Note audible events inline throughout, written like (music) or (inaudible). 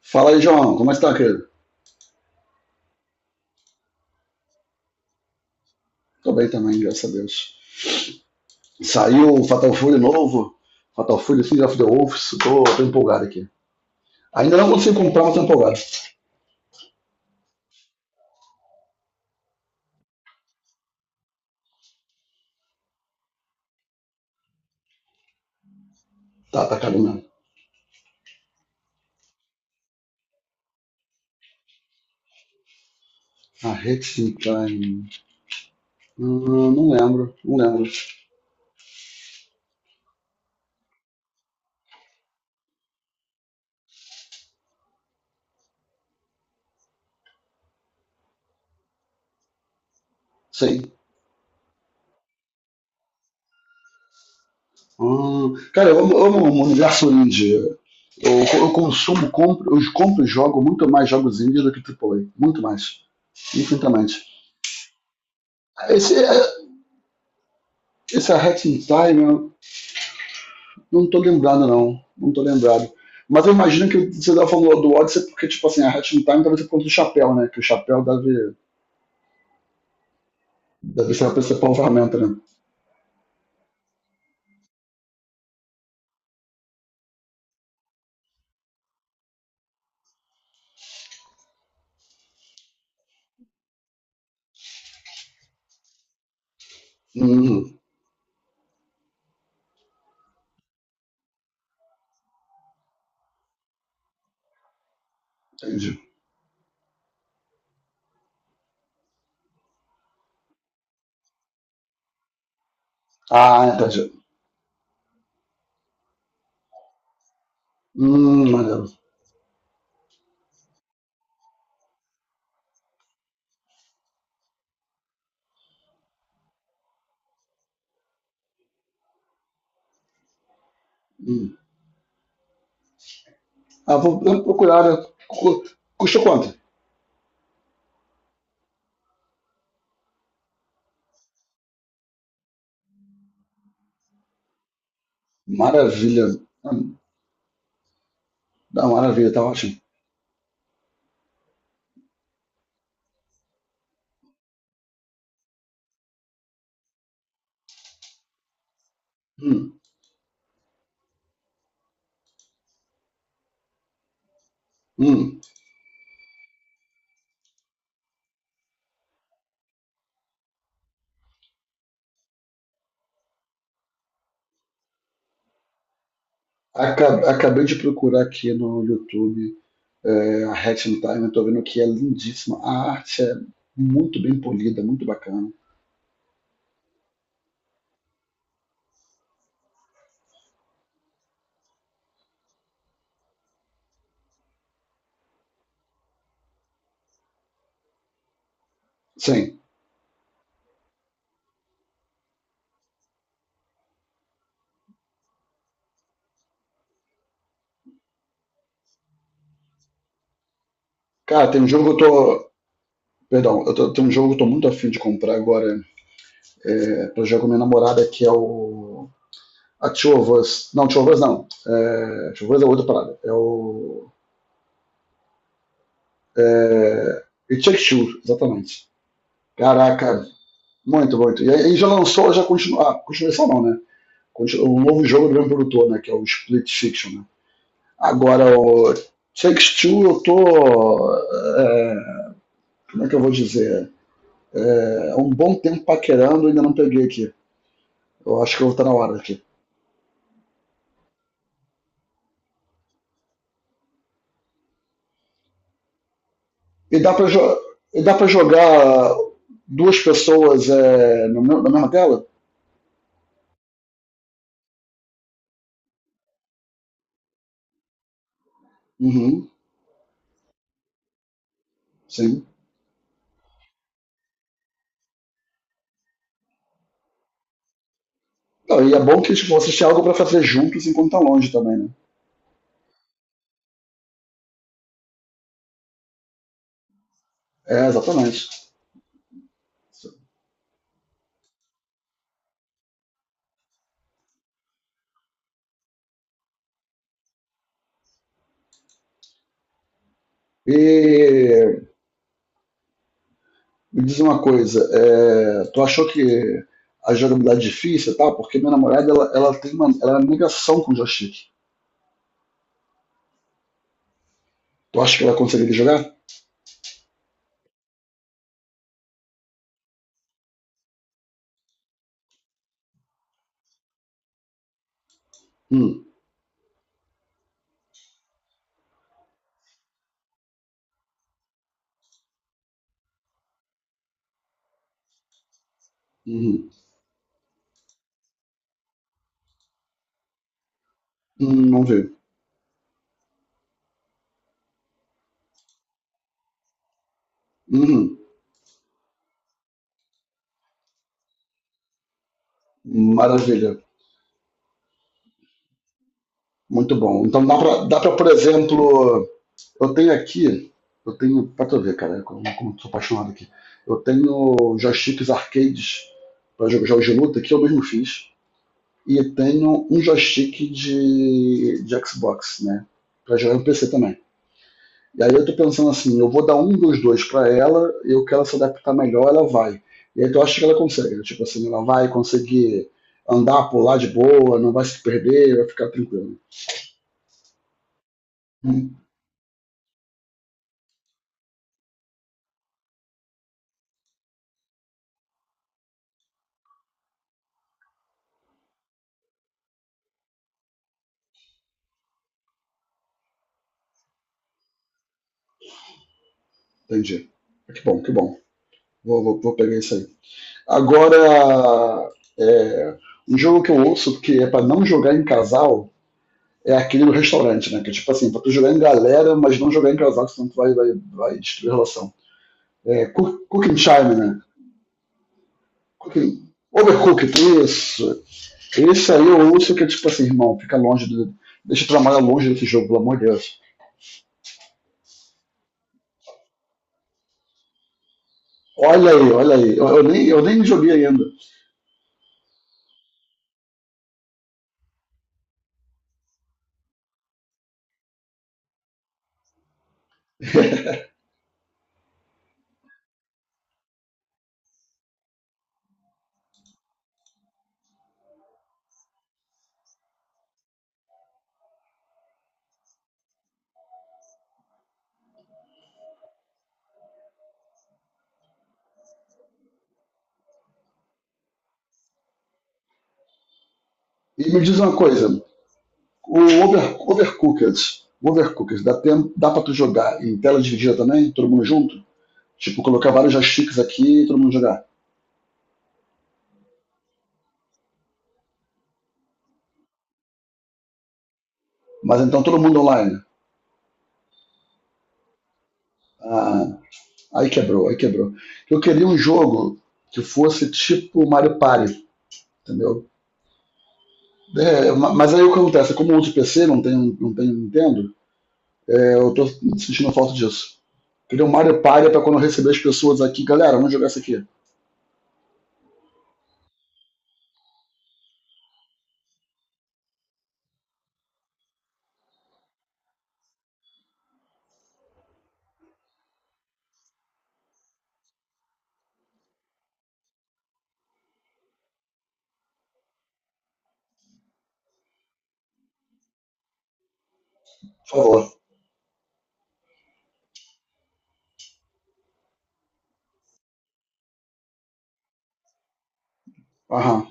Fala aí, João. Como está, querido? Tô bem também, graças a Deus. Saiu o Fatal Fury novo. Fatal Fury Seed of the Wolves. Tô empolgado aqui. Ainda não consigo comprar, mas tô empolgado. Tá caro mesmo. A Hexenkine. Não lembro. Não lembro. Sei. Cara, eu amo o universo indie. Eu consumo, compro, eu compro e jogo muito mais jogos indie do que AAA. Muito mais. Infinitamente. Esse, é, esse é a Hexenkine. Não tô lembrado, não. Não tô lembrado. Mas eu imagino que você estava falando do Odyssey porque, tipo assim, a Hatching Time talvez por conta do chapéu, né? Que o chapéu deve, Deve ser a principal ferramenta, né? Hum, entendi. Ah, entendi. Maneiro. Hum. Ah, vou procurar, né? Custa quanto? Maravilha. Hum, Dá maravilha, tá ótimo. Hum, hum. Acabei de procurar aqui no YouTube, a Hatching Time, eu tô vendo que é lindíssima. A arte é muito bem polida, muito bacana. Sim. Cara, tem um jogo que eu tô. Perdão, tem um jogo que eu tô muito afim de comprar agora, pra jogar com minha namorada, que é o. A Two of Us. Não, Two of Us não. É, Two of Us é outra parada. É o. É, It Takes Two, exatamente. Caraca, muito, muito. E aí já lançou, já continua. Ah, continuação não, né? Um novo jogo do mesmo produtor, né? Que é o Split Fiction, né? Agora, o Takes Two, eu tô. É, como é que eu vou dizer? Um bom tempo paquerando, ainda não peguei aqui. Eu acho que eu vou estar na hora aqui. E dá pra, jo e dá pra jogar duas pessoas, no na mesma tela? Uhum, sim. Não, e é bom que tipo, vocês têm algo pra fazer juntos enquanto estão longe também, né? É, exatamente. E me diz uma coisa, tu achou que a jogabilidade é difícil e tal? Porque minha namorada, ela tem uma, ela é uma negação com o joystick. Tu acha que ela conseguiria jogar? Hum, uhum, não vi. Uhum. Maravilha, muito bom. Então dá pra, por exemplo, eu tenho aqui, eu tenho, pra tu ver, cara, como eu sou apaixonado aqui. Eu tenho joysticks arcades para jogos de luta que eu mesmo fiz e tenho um joystick de Xbox, né, para jogar no PC também. E aí eu tô pensando assim, eu vou dar um dos dois para ela, eu quero se adaptar melhor, ela vai. E aí tu acha que ela consegue, né? Tipo assim, ela vai conseguir andar, pular de boa, não vai se perder, vai ficar tranquilo. Entendi. Que bom, que bom. Vou pegar isso aí. Agora, é, um jogo que eu ouço que é pra não jogar em casal é aquele do restaurante, né? Que é tipo assim, pra tu jogar em galera, mas não jogar em casal, senão tu vai destruir a relação. É, cooking Time, né? Cooking, Overcooked, isso. Esse aí eu ouço que é tipo assim, irmão, fica longe do. Deixa eu trabalhar longe desse jogo, pelo amor de Deus. Olha aí, olha aí. Eu nem joguei ainda. (laughs) E me diz uma coisa, Overcooked. Overcooked. Dá pra tu jogar em tela dividida também? Todo mundo junto? Tipo, colocar vários joysticks aqui e todo mundo jogar. Mas então todo mundo online. Ah, aí quebrou, aí quebrou. Eu queria um jogo que fosse tipo Mario Party, entendeu? É, mas aí o que acontece? Como eu uso PC, não tenho Nintendo, eu tô sentindo falta disso. Queria um Mario Party pra quando eu receber as pessoas aqui. Galera, vamos jogar isso aqui. Por favor. Aham.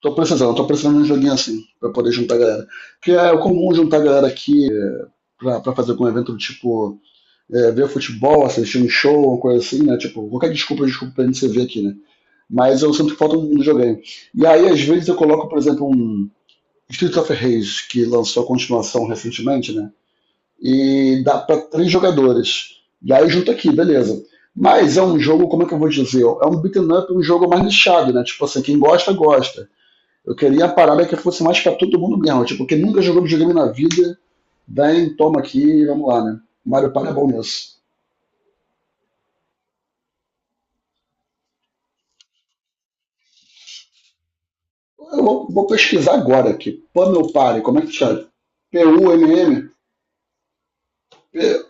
Tô precisando de um joguinho assim, pra poder juntar a galera. Porque é comum juntar a galera aqui, pra fazer algum evento do tipo, ver futebol, assistir um show, uma coisa assim, né? Tipo, qualquer desculpa pra gente se ver aqui, né? Mas eu sinto que falta um joguinho. E aí, às vezes, eu coloco, por exemplo, um Street of Rage, que lançou a continuação recentemente, né? E dá pra 3 jogadores. E aí junta aqui, beleza. Mas é um jogo, como é que eu vou dizer? É um beat'em up, um jogo mais nichado, né? Tipo assim, quem gosta, gosta, eu queria a parada que fosse mais pra todo mundo mesmo. Tipo, quem nunca jogou videogame na vida, vem, toma aqui e vamos lá, né? Mario Party é bom nisso. Eu vou pesquisar agora aqui. Pummel Party, como é que chama? P-U-M-M? P-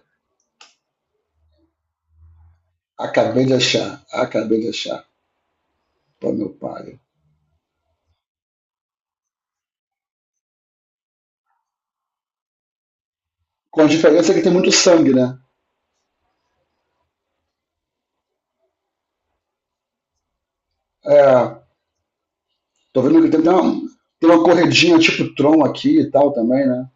Acabei de achar, acabei de achar. Pummel Party. Com a diferença que tem muito sangue, né? É, tô vendo que tem uma corredinha tipo Tron aqui e tal também, né?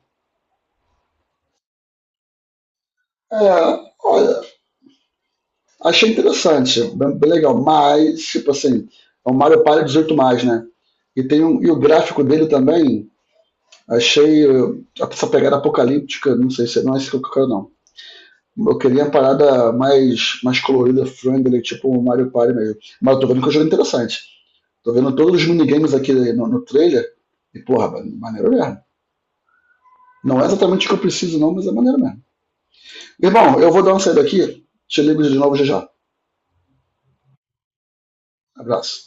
É, olha, achei interessante, bem, bem legal. Mas, tipo assim, é um Mario Party 18 mais, né? E tem um, e o gráfico dele também, achei essa pegada apocalíptica, não sei se não é isso que eu quero, não. Eu queria uma parada mais, mais colorida, friendly, tipo o Mario Party mesmo. Mas eu tô vendo que é um jogo é interessante. Tô vendo todos os minigames aqui no, no trailer. E, porra, mano, maneiro mesmo. Não é exatamente o que eu preciso, não, mas é maneiro mesmo. Irmão, eu vou dar uma saída aqui. Te ligo de novo já já. Abraço.